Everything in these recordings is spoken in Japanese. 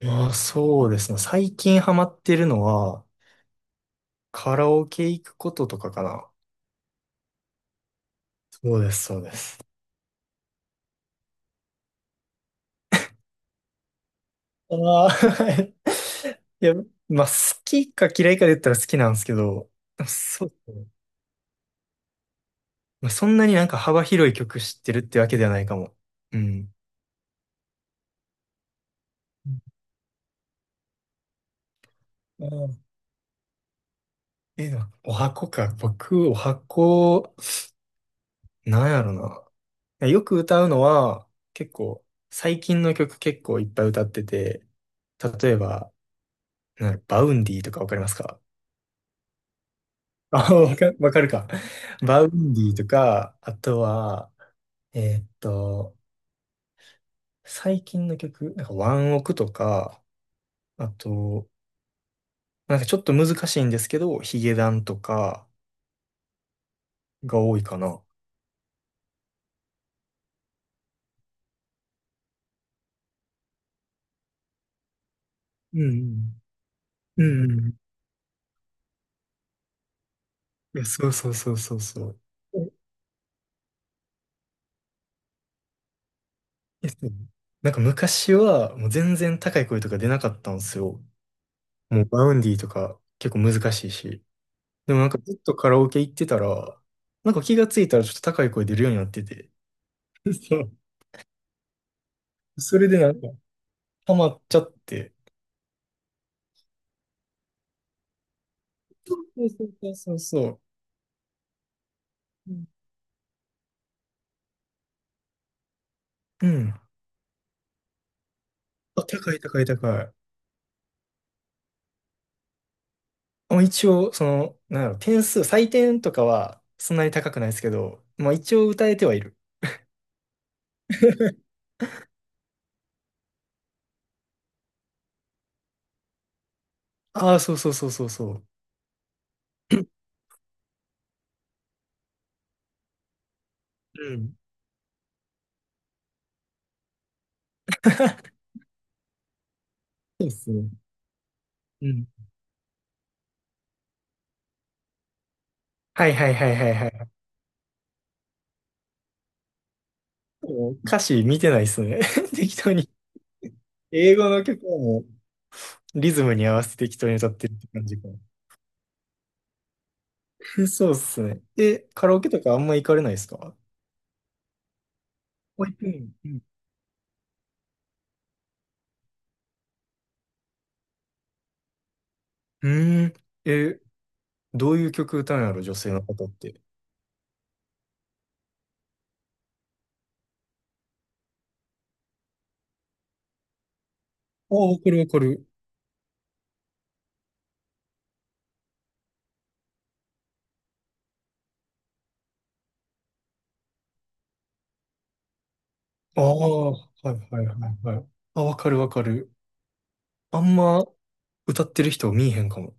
まあ、そうですね。最近ハマってるのは、カラオケ行くこととかかな。そうです、そうです。ああ、いや、まあ、好きか嫌いかで言ったら好きなんですけど、そうですね。まあ、そんなになんか幅広い曲知ってるってわけではないかも。うん。あー、え、でもお箱か。僕、お箱、なんやろな。よく歌うのは、結構、最近の曲結構いっぱい歌ってて、例えば、なんだろう、バウンディとかわかりますか？あ、わかるか。バウンディとか、あとは、えーっと、最近の曲、なんかワンオクとか、あと、なんかちょっと難しいんですけど、ヒゲダンとかが多いかな。うんうん。うんうん。いや、そうそうそうそうそう。ええ、そう、なんか昔はもう全然高い声とか出なかったんですよ。もうバウンディとか結構難しいし。でもなんかずっとカラオケ行ってたら、なんか気がついたらちょっと高い声出るようになってて。そう。それでなんか、ハマっちゃって。そうそうそうそうそう。うん。うん。あ、高い高い高い。まあ、一応、その、なんだろう、点数、採点とかはそんなに高くないですけど、まあ一応歌えてはいる。ああ、そうそうそうそうそう。うん。そうですね。うん。はいはいはいはいはい。もう歌詞見てないっすね。適当に。英語の曲はもうリズムに合わせて適当に歌ってるって感じか。そうっすね。え、カラオケとかあんま行かれないですか？保育園。うん。うーん、え、どういう曲歌うんやろ、女性の方って。ああ、わかるわかる。ああ、はいはいはいはい。あ、わかるわかる。あんま歌ってる人見えへんかも。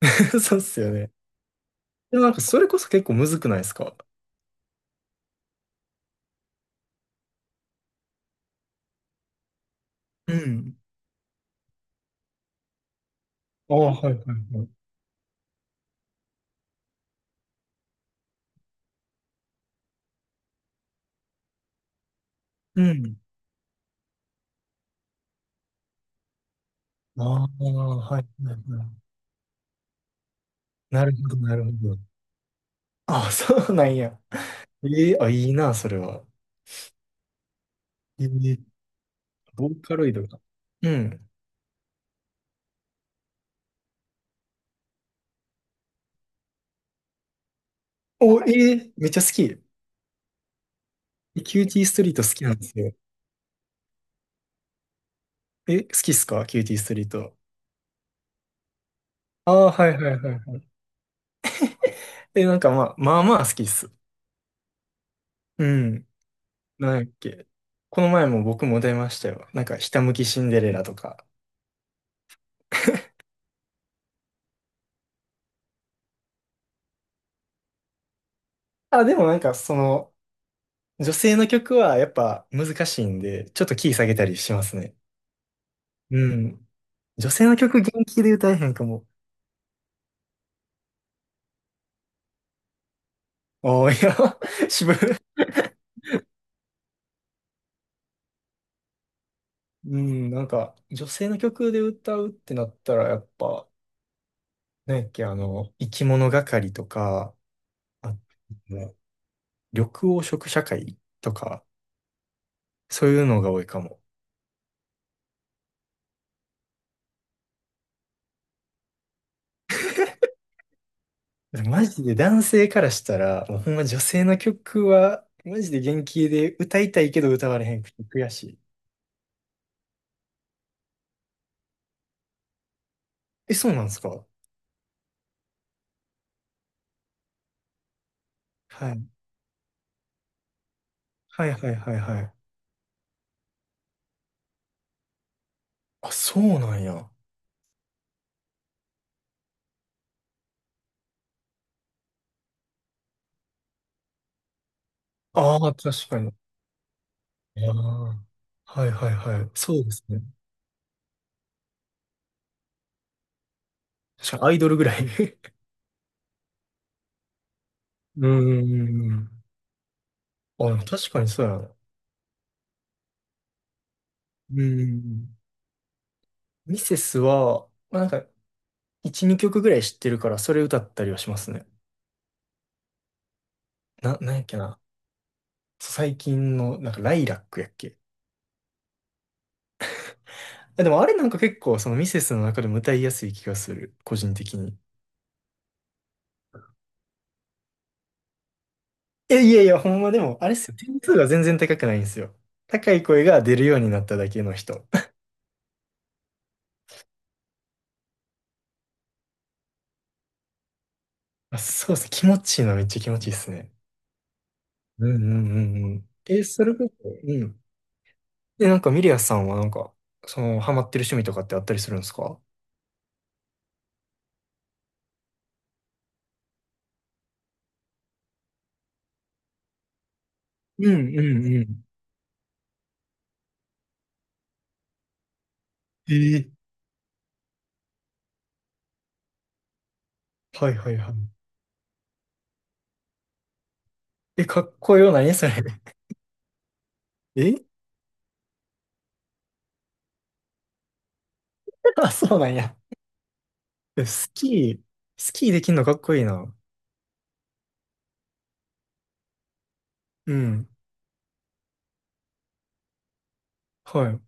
そうっすよね。でもなんかそれこそ結構むずくないですか？うん。ああ、はいはいはい。うん。ああ、はいはいはい。なるほどなるほど。ああ、そうなんや。ええ、あ、いいな、それは。ええ、ボーカロイドが。うん。お、ええ、めっちゃ好き。え、キューティーストリート好きなんですよ。え、好きっすかキューティーストリート。ああ、はいはいはいはい。え、なんかまあ、まあまあ好きっす。うん。なんやっけ。この前も僕も出ましたよ。なんか、ひたむきシンデレラとか。あ、でもなんか、その、女性の曲はやっぱ難しいんで、ちょっとキー下げたりしますね。うん。女性の曲元気で歌えへんかも。おー、いや、渋い。うん、なんか、女性の曲で歌うってなったら、やっぱ、なんやっけ、あの、生き物がかりとか、あと緑黄色社会とか、そういうのが多いかも。マジで男性からしたら、もうほんま女性の曲は、マジで元気で歌いたいけど歌われへんくて悔しい。え、そうなんですか？はい。はいはいはいはい。あ、そうなんや。ああ、確かに。ああ。はいはいはい。そうですね。確かにアイドルぐらい。うーん。あ、でも確かにそうやな。うーん。ミセスは、まあ、なんか、1、2曲ぐらい知ってるから、それ歌ったりはしますね。なんやっけな。そう最近の、なんか、ライラックやっけ。あ、でもあれなんか結構、そのミセスの中でも歌いやすい気がする。個人的に。え、いやいや、ほんまでも、あれっすよ。点数が全然高くないんですよ。高い声が出るようになっただけの人。あ、そうっす。気持ちいいのはめっちゃ気持ちいいっすね。うんうんうんうん。え、それこそ、うん。で、なんかミリアさんはなんか、その、ハマってる趣味とかってあったりするんですか？うんうんうん。ええ、はいはいはい。え、かっこよない？ それ。え、あ、そうなんや。えスキー、スキーできんのかっこいいな。うん。はい。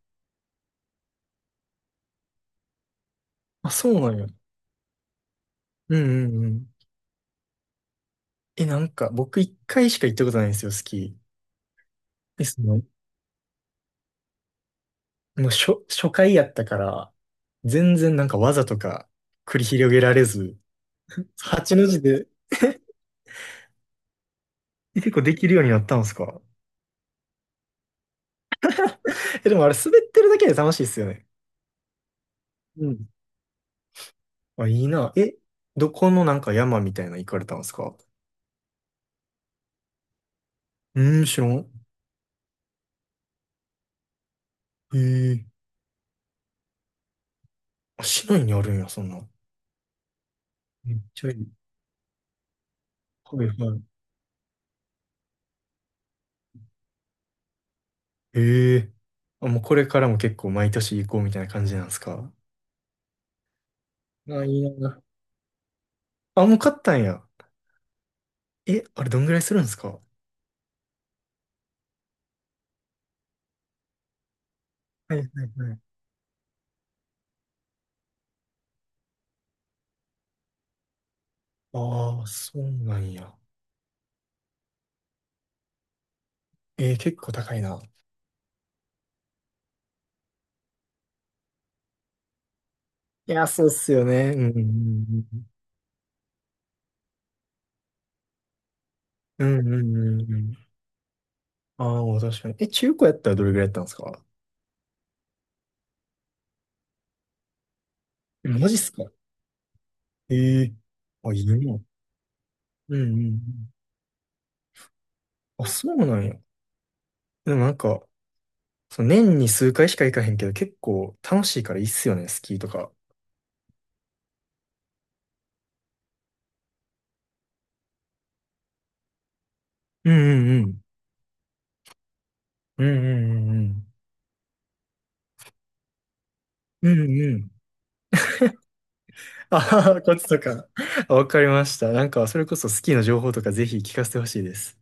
あ、そうなんや。うんうんうん。え、なんか、僕一回しか行ったことないんですよ、スキー。でその、もう初、初回やったから、全然なんか技とか繰り広げられず、8の字で、え結構できるようになったんですか？え、でもあれ滑ってるだけで楽しいっすよね。うん。あ、いいな。え、どこのなんか山みたいなの行かれたんですか？うーん、知らん。へえ。あ、市内にあるんや、そんな。めっちゃいい。はいはい。へえ。あ、もうこれからも結構毎年行こうみたいな感じなんですか？あ、いいな。あ、もう買ったんや。え、あれどんぐらいするんですか？はいはいはい。ああー、そうなんや。えー、結構高いな。いや、そうっすよね。うんうんうんうん。うんうんうんうん。ああ、確かに。え、中古やったらどれぐらいやったんですか？えマジっすか？ええ、あ、いいな。うんうんうん。あ、そうなんや。でもなんか、その年に数回しか行かへんけど、結構楽しいからいいっすよね、スキーとか。うんうんうん。うんうんうんうん。うんうん。あはは、コツとか。あ、わかりました。なんか、それこそスキーの情報とかぜひ聞かせてほしいです。